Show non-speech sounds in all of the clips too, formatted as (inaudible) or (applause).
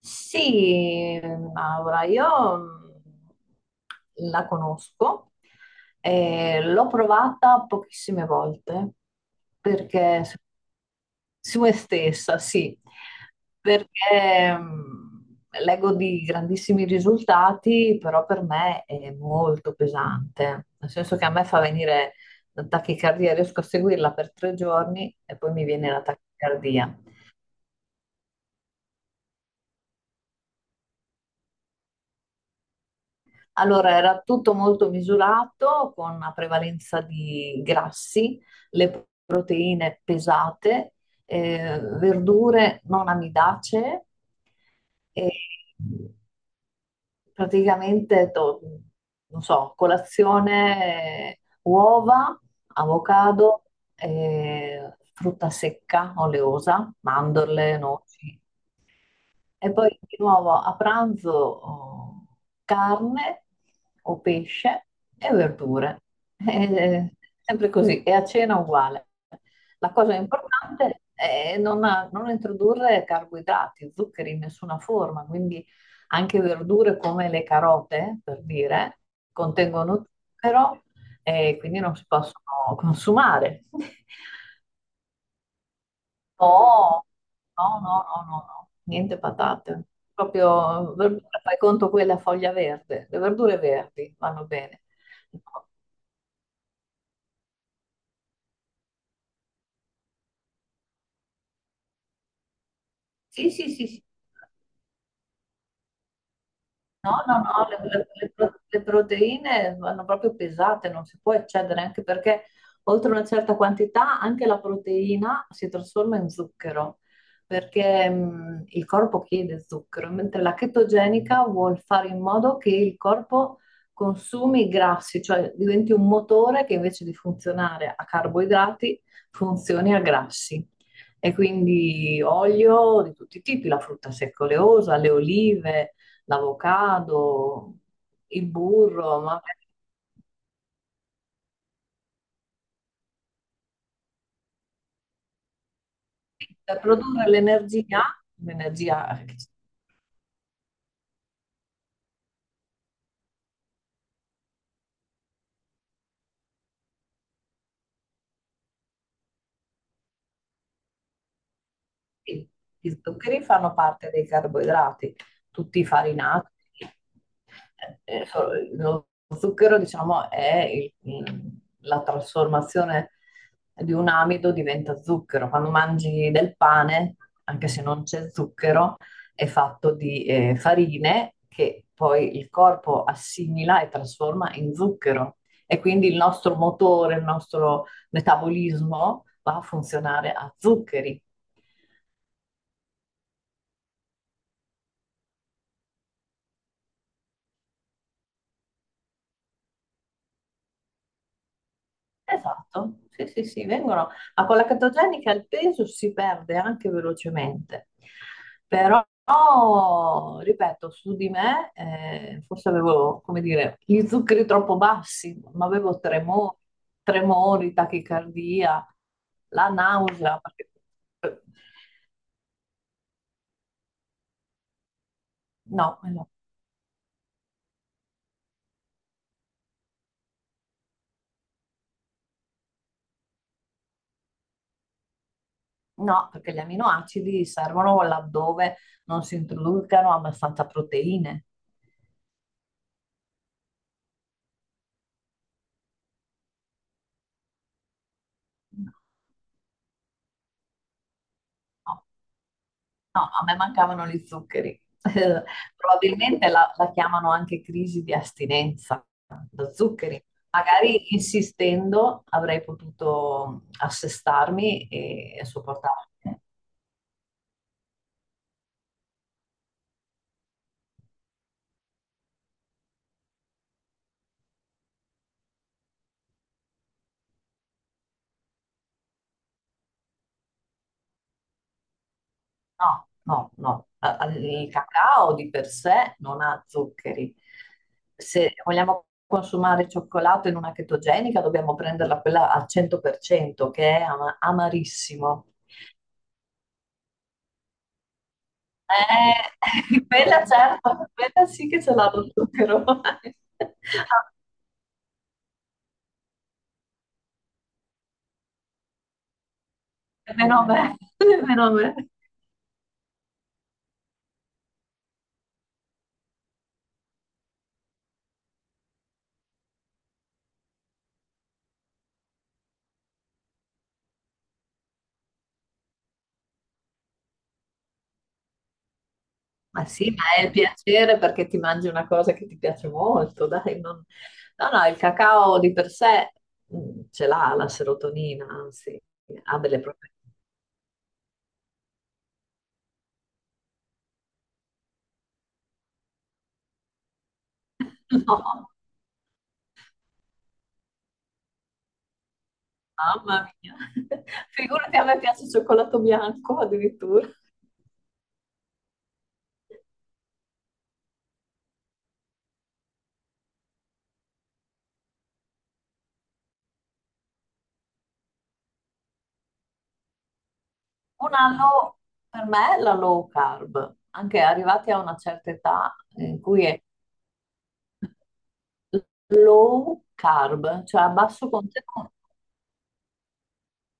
Sì, Maura, io la conosco. L'ho provata pochissime volte, perché su me stessa, sì, perché leggo di grandissimi risultati, però per me è molto pesante, nel senso che a me fa venire la tachicardia. Riesco a seguirla per 3 giorni e poi mi viene la tachicardia. Allora, era tutto molto misurato, con una prevalenza di grassi, le proteine pesate, verdure non amidacee e praticamente, non so, colazione, uova, avocado, frutta secca, oleosa, mandorle, noci. E poi di nuovo a pranzo oh, carne o pesce e verdure. (laughs) Eh, Sempre così. E a cena uguale. La cosa importante è non introdurre carboidrati, zuccheri in nessuna forma, quindi anche verdure come le carote, per dire, contengono zucchero e quindi non si possono consumare. (laughs) No, no, no, no, no, no, niente patate. Proprio verdura, fai conto quella foglia verde, le verdure verdi vanno bene. No. Sì, sì, sì, sì. No, no, no, le pro- le proteine vanno proprio pesate, non si può eccedere, anche perché oltre una certa quantità anche la proteina si trasforma in zucchero, perché il corpo chiede zucchero, mentre la chetogenica vuol fare in modo che il corpo consumi i grassi, cioè diventi un motore che invece di funzionare a carboidrati funzioni a grassi. E quindi olio di tutti i tipi, la frutta secca oleosa, le olive, l'avocado, il burro, ma per produrre l'energia, l'energia che ci… Sì, gli zuccheri fanno parte dei carboidrati, tutti i farinati. eh, eh, so- Lo zucchero, diciamo, è la trasformazione di un amido, diventa zucchero. Quando mangi del pane, anche se non c'è zucchero, è fatto di farine che poi il corpo assimila e trasforma in zucchero. E quindi il nostro motore, il nostro metabolismo va a funzionare a zuccheri. Esatto, sì, sì, sì, vengono… a quella catogenica il peso si perde anche velocemente, però ripeto, su di me forse avevo, come dire, gli zuccheri troppo bassi, ma avevo tremori, tremori, tachicardia, la nausea. No, no, no, perché gli aminoacidi servono laddove non si introducano abbastanza proteine. No. No, a me mancavano gli zuccheri. (laughs) Probabilmente la chiamano anche crisi di astinenza da zuccheri. Magari insistendo avrei potuto assestarmi e sopportarlo. No, no, no. Il cacao di per sé non ha zuccheri. Se vogliamo consumare cioccolato in una chetogenica, dobbiamo prenderla quella al 100%, che è amarissimo. (laughs) Quella certo, quella sì che ce l'ha lo zucchero. (laughs) Ah, meno a me, (laughs) meno a me. Ma sì, ma è il piacere perché ti mangi una cosa che ti piace molto, dai. No, no, il cacao di per sé ce l'ha la serotonina, anzi, ha delle proprietà. (laughs) No, mamma mia. (laughs) Figurati, a me piace il cioccolato bianco addirittura. Un anno per me è la low carb, anche arrivati a una certa età in cui è… low carb, cioè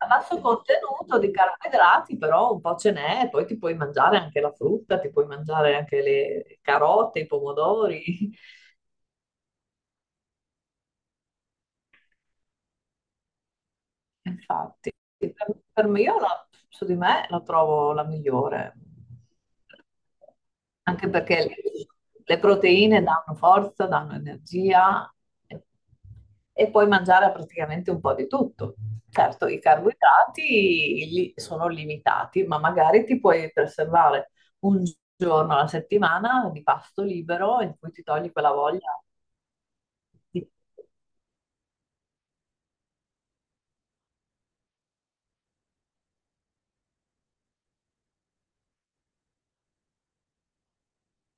a basso contenuto di carboidrati, però un po' ce n'è, poi ti puoi mangiare anche la frutta, ti puoi mangiare anche le carote, i pomodori. (laughs) Infatti, per, per me io su di me la trovo la migliore, anche perché le proteine danno forza, danno energia e, e puoi mangiare praticamente un po' di tutto. Certo, i carboidrati sono limitati, ma magari ti puoi preservare 1 giorno alla settimana di pasto libero in cui ti togli quella voglia. di…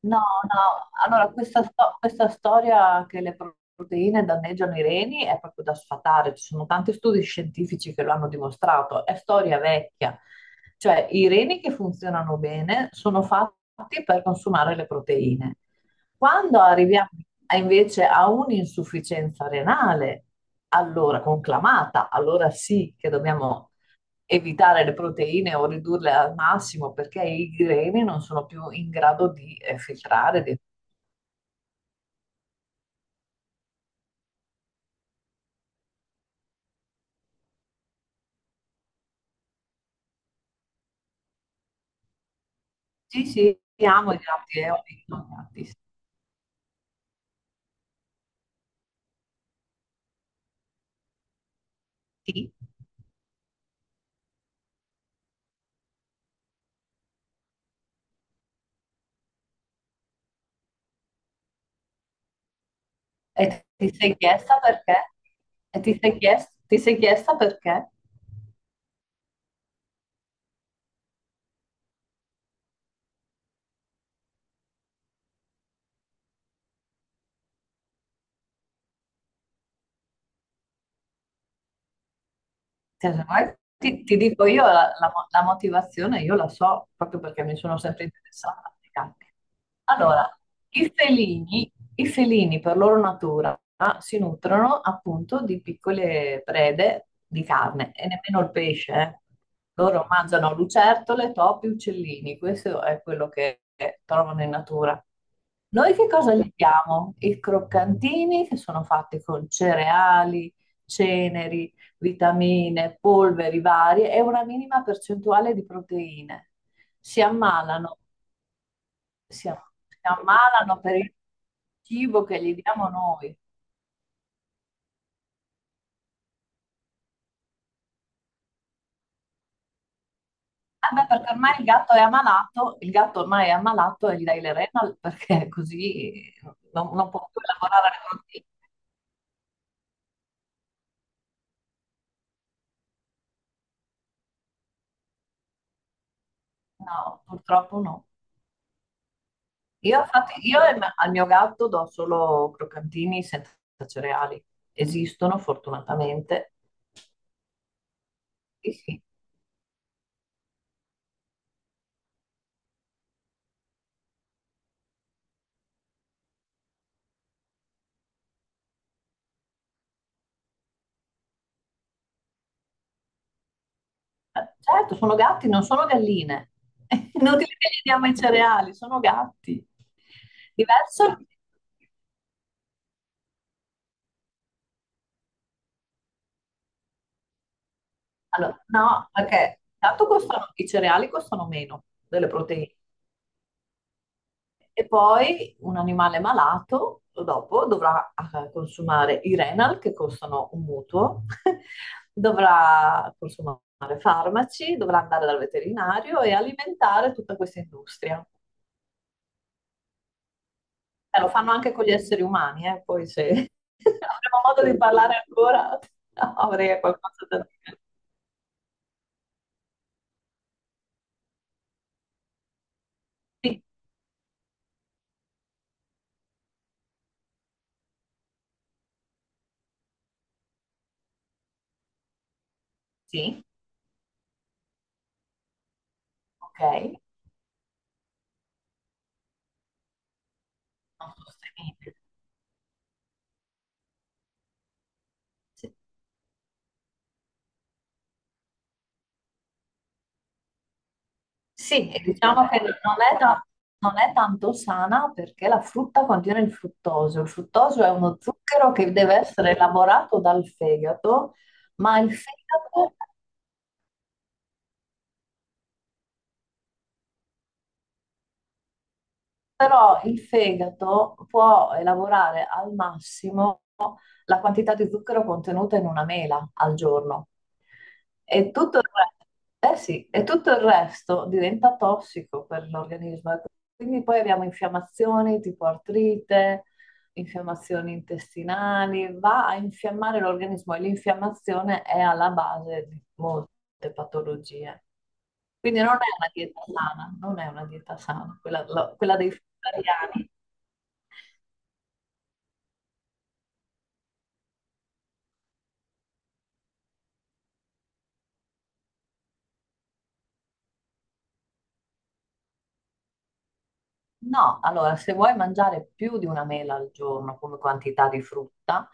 No, no, allora questa storia che le proteine danneggiano i reni è proprio da sfatare, ci sono tanti studi scientifici che lo hanno dimostrato, è storia vecchia, cioè i reni che funzionano bene sono fatti per consumare le proteine. Quando arriviamo invece a un'insufficienza renale, allora conclamata, allora sì che dobbiamo evitare le proteine o ridurle al massimo perché i greni non sono più in grado di filtrare. Sì, sì, amo i gatti e ho detto gatti. Sì. E ti sei chiesta perché? E ti sei chiesta perché? Cioè, se vuoi, ti dico io la motivazione, io la so proprio perché mi sono sempre interessata ai gatti. Allora, i felini per loro natura ah, si nutrono appunto di piccole prede di carne e nemmeno il pesce. Loro mangiano lucertole, topi, uccellini, questo è quello che trovano in natura. Noi che cosa gli diamo? I croccantini, che sono fatti con cereali, ceneri, vitamine, polveri varie e una minima percentuale di proteine. Si ammalano, si am- si ammalano per il cibo che gli diamo noi. Ah, beh, perché ormai il gatto è ammalato, il gatto ormai è ammalato e gli dai le renal perché (laughs) così non, non può più lavorare le proteine. No, purtroppo no. Io, infatti, al mio gatto do solo croccantini senza cereali. Esistono fortunatamente. Sì, sì. Certo, sono gatti, non sono galline. (laughs) È inutile che gli diamo i cereali, sono gatti. Diverso? Allora, no, perché tanto costano, i cereali costano meno delle proteine. E poi un animale malato dopo dovrà consumare i renal che costano un mutuo, (laughs) dovrà consumare farmaci, dovrà andare dal veterinario e alimentare tutta questa industria. Lo fanno anche con gli esseri umani, poi se (laughs) avremo modo di parlare ancora (laughs) avrei qualcosa da dire. Sì, sì, ok, non sostenibile. Sì. Sì, e diciamo che non è tanto sana perché la frutta contiene il fruttosio. Il fruttosio è uno zucchero che deve essere elaborato dal fegato, ma il fegato, però il fegato può elaborare al massimo la quantità di zucchero contenuta in 1 mela al giorno. E tutto eh sì, e tutto il resto diventa tossico per l'organismo. E quindi poi abbiamo infiammazioni tipo artrite, infiammazioni intestinali, va a infiammare l'organismo e l'infiammazione è alla base di molte patologie. Quindi non è una dieta sana, non è una dieta sana, quella, quella dei vegetariani. No, allora, se vuoi mangiare più di 1 mela al giorno come quantità di frutta,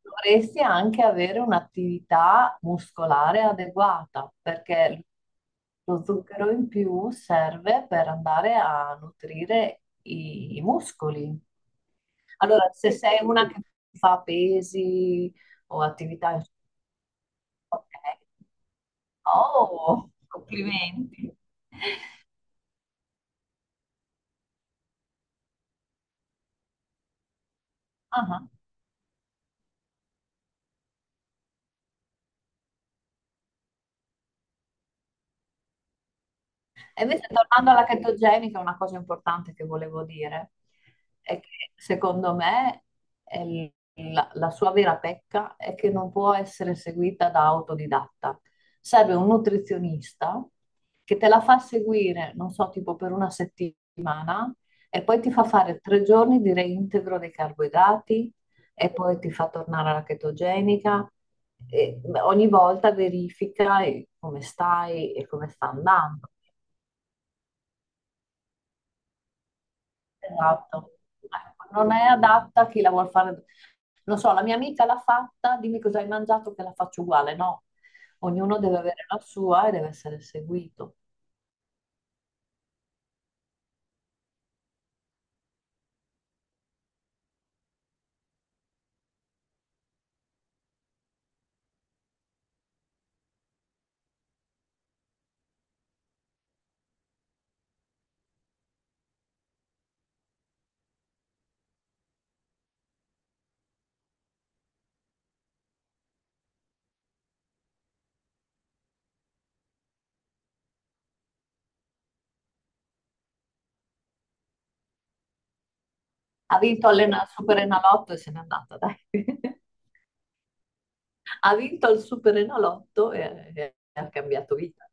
dovresti anche avere un'attività muscolare adeguata, perché lo zucchero in più serve per andare a nutrire i muscoli. Allora, se sei una che fa pesi o attività, ok, oh, complimenti. Ah. E invece, tornando alla chetogenica, una cosa importante che volevo dire è che secondo me è la sua vera pecca è che non può essere seguita da autodidatta. Serve un nutrizionista che te la fa seguire, non so, tipo per 1 settimana e poi ti fa fare 3 giorni di reintegro dei carboidrati e poi ti fa tornare alla chetogenica. E ogni volta verifica come stai e come sta andando. Esatto. Ecco, non è adatta a chi la vuol fare. Non so, la mia amica l'ha fatta, dimmi cosa hai mangiato che la faccio uguale. No, ognuno deve avere la sua e deve essere seguito. Ha vinto il Super Enalotto e se n'è andata, dai. (laughs) Ha vinto il Super Enalotto e ha cambiato vita.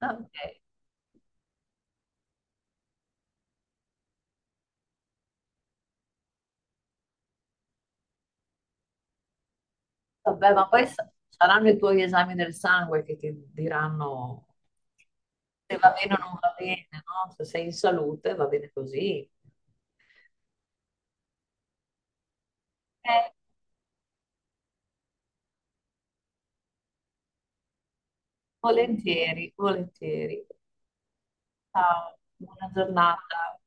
Ah, ok. Vabbè, ma poi saranno i tuoi esami del sangue che ti diranno se va bene o non va bene, no? Se sei in salute va bene così. Eh, volentieri, volentieri. Ciao, buona giornata.